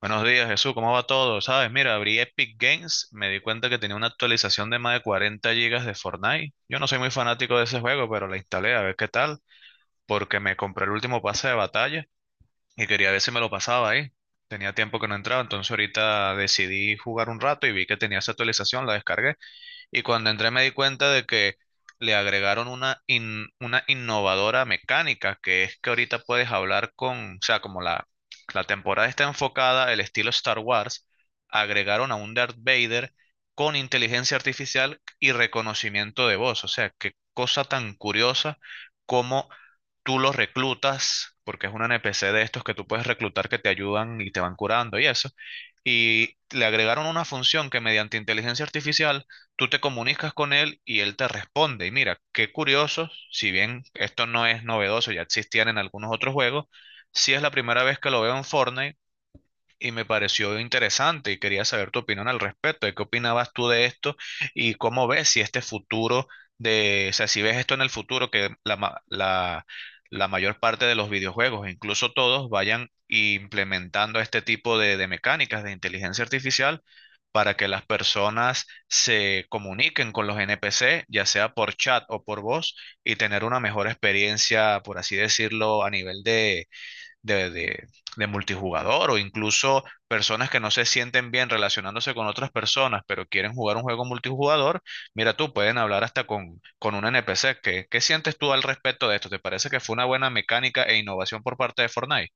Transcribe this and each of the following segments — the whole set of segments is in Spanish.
Buenos días, Jesús, ¿cómo va todo? Sabes, mira, abrí Epic Games, me di cuenta que tenía una actualización de más de 40 gigas de Fortnite. Yo no soy muy fanático de ese juego, pero la instalé a ver qué tal, porque me compré el último pase de batalla y quería ver si me lo pasaba ahí. Tenía tiempo que no entraba, entonces ahorita decidí jugar un rato y vi que tenía esa actualización, la descargué. Y cuando entré me di cuenta de que le agregaron una, una innovadora mecánica, que es que ahorita puedes hablar con, o sea, la temporada está enfocada, el estilo Star Wars, agregaron a un Darth Vader con inteligencia artificial y reconocimiento de voz. O sea, qué cosa tan curiosa como tú los reclutas, porque es un NPC de estos que tú puedes reclutar que te ayudan y te van curando y eso. Y le agregaron una función que mediante inteligencia artificial tú te comunicas con él y él te responde. Y mira, qué curioso, si bien esto no es novedoso, ya existían en algunos otros juegos, sí es la primera vez que lo veo en Fortnite y me pareció interesante y quería saber tu opinión al respecto, de qué opinabas tú de esto y cómo ves si este futuro de, o sea, si ves esto en el futuro, que la mayor parte de los videojuegos, incluso todos, vayan implementando este tipo de mecánicas de inteligencia artificial para que las personas se comuniquen con los NPC, ya sea por chat o por voz, y tener una mejor experiencia, por así decirlo, a nivel de de, de- de multijugador o incluso personas que no se sienten bien relacionándose con otras personas, pero quieren jugar un juego multijugador, mira tú, pueden hablar hasta con un NPC. ¿Qué, qué sientes tú al respecto de esto? ¿Te parece que fue una buena mecánica e innovación por parte de Fortnite?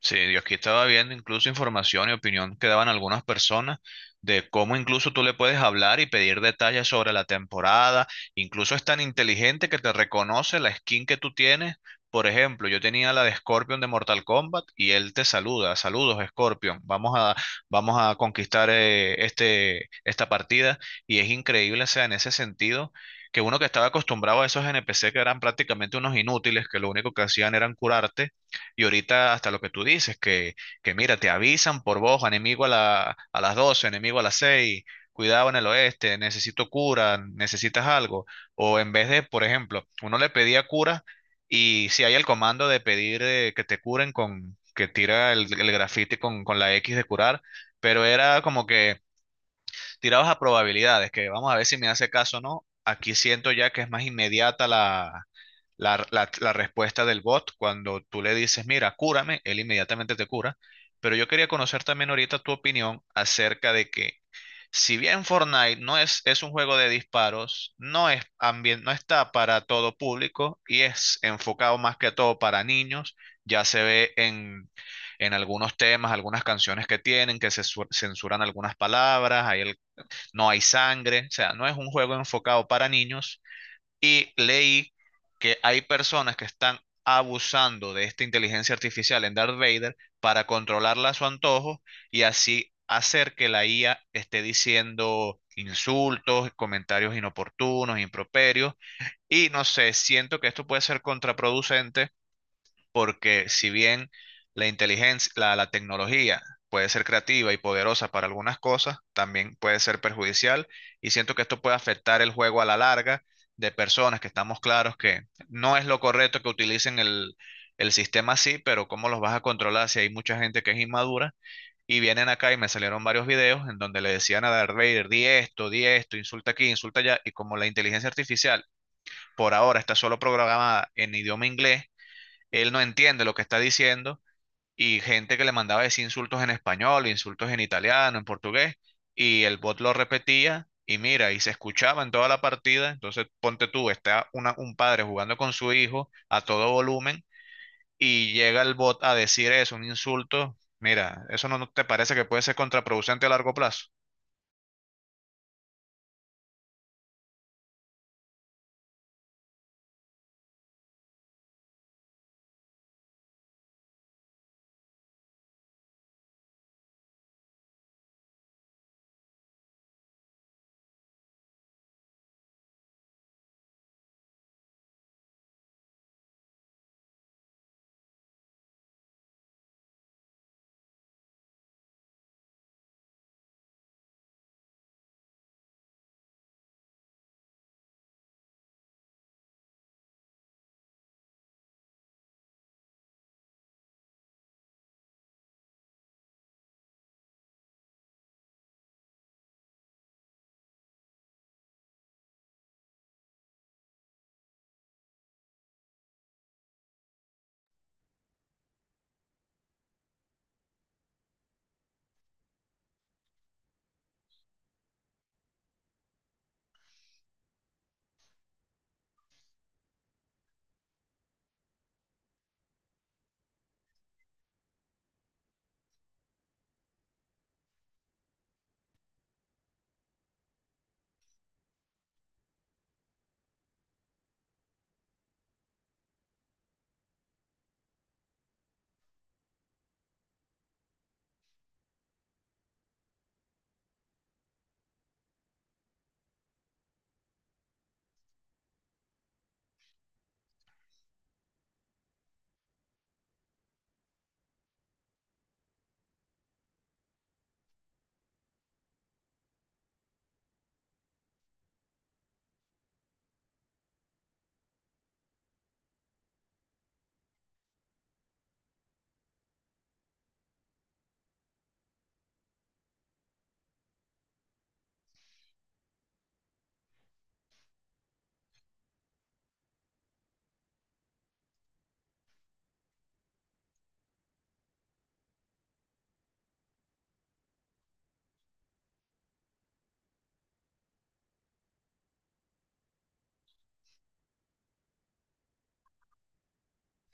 Sí, yo aquí estaba viendo incluso información y opinión que daban algunas personas de cómo incluso tú le puedes hablar y pedir detalles sobre la temporada. Incluso es tan inteligente que te reconoce la skin que tú tienes. Por ejemplo, yo tenía la de Scorpion de Mortal Kombat y él te saluda. Saludos, Scorpion. Vamos a conquistar este, esta partida. Y es increíble, o sea, en ese sentido, que uno que estaba acostumbrado a esos NPC que eran prácticamente unos inútiles, que lo único que hacían eran curarte y ahorita hasta lo que tú dices, que mira, te avisan por voz, enemigo a las 12, enemigo a las 6, cuidado en el oeste, necesito cura, necesitas algo. O en vez de, por ejemplo, uno le pedía cura y si hay el comando de pedir que te curen con, que tira el grafiti con la X de curar, pero era como que tirabas a probabilidades, que vamos a ver si me hace caso o no. Aquí siento ya que es más inmediata la respuesta del bot cuando tú le dices, mira, cúrame, él inmediatamente te cura. Pero yo quería conocer también ahorita tu opinión acerca de que, si bien Fortnite no es, es un juego de disparos, no está para todo público y es enfocado más que todo para niños, ya se ve en algunos temas, algunas canciones que tienen, que censuran algunas palabras, no hay sangre, o sea, no es un juego enfocado para niños y leí que hay personas que están abusando de esta inteligencia artificial en Darth Vader para controlarla a su antojo y así hacer que la IA esté diciendo insultos, comentarios inoportunos, improperios. Y no sé, siento que esto puede ser contraproducente porque si bien la tecnología puede ser creativa y poderosa para algunas cosas, también puede ser perjudicial y siento que esto puede afectar el juego a la larga de personas que estamos claros que no es lo correcto que utilicen el sistema así, pero ¿cómo los vas a controlar si hay mucha gente que es inmadura? Y vienen acá y me salieron varios videos en donde le decían a Darth Vader, di esto, insulta aquí, insulta allá, y como la inteligencia artificial por ahora está solo programada en idioma inglés, él no entiende lo que está diciendo y gente que le mandaba decir insultos en español, insultos en italiano, en portugués, y el bot lo repetía y mira, y se escuchaba en toda la partida. Entonces, ponte tú, está un padre jugando con su hijo a todo volumen y llega el bot a decir eso, un insulto. Mira, ¿eso no te parece que puede ser contraproducente a largo plazo?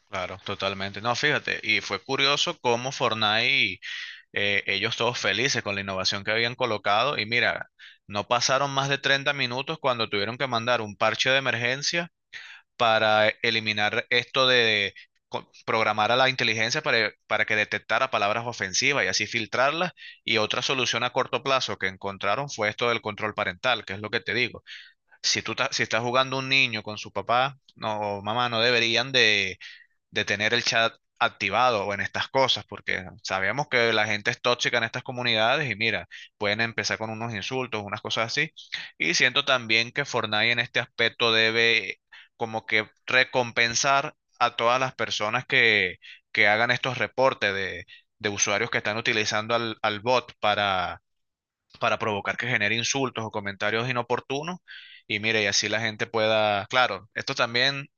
Claro, totalmente. No, fíjate, y fue curioso cómo Fortnite ellos todos felices con la innovación que habían colocado y mira, no pasaron más de 30 minutos cuando tuvieron que mandar un parche de emergencia para eliminar esto de programar a la inteligencia para que detectara palabras ofensivas y así filtrarlas. Y otra solución a corto plazo que encontraron fue esto del control parental, que es lo que te digo. Si si estás jugando un niño con su papá no, o mamá, no deberían de tener el chat activado o en estas cosas, porque sabemos que la gente es tóxica en estas comunidades y mira, pueden empezar con unos insultos, unas cosas así. Y siento también que Fortnite en este aspecto debe como que recompensar a todas las personas que hagan estos reportes de usuarios que están utilizando al bot para provocar que genere insultos o comentarios inoportunos. Y mire, y así la gente pueda, claro, esto también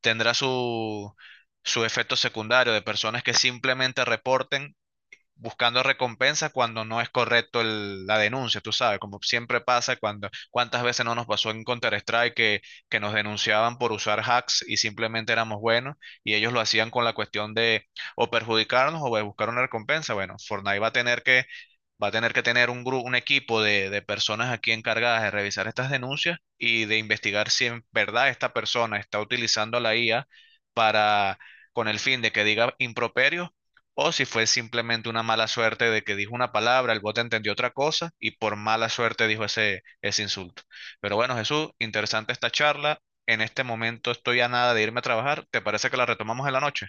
tendrá su, su efecto secundario de personas que simplemente reporten buscando recompensa cuando no es correcto la denuncia, tú sabes, como siempre pasa cuando, cuántas veces no nos pasó en Counter-Strike que nos denunciaban por usar hacks y simplemente éramos buenos y ellos lo hacían con la cuestión de o perjudicarnos o de buscar una recompensa. Bueno, Fortnite va a tener va a tener que tener un grupo, un equipo de personas aquí encargadas de revisar estas denuncias y de investigar si en verdad esta persona está utilizando la IA para, con el fin de que diga improperios o si fue simplemente una mala suerte de que dijo una palabra, el bot entendió otra cosa y por mala suerte dijo ese insulto. Pero bueno, Jesús, interesante esta charla. En este momento estoy a nada de irme a trabajar. ¿Te parece que la retomamos en la noche?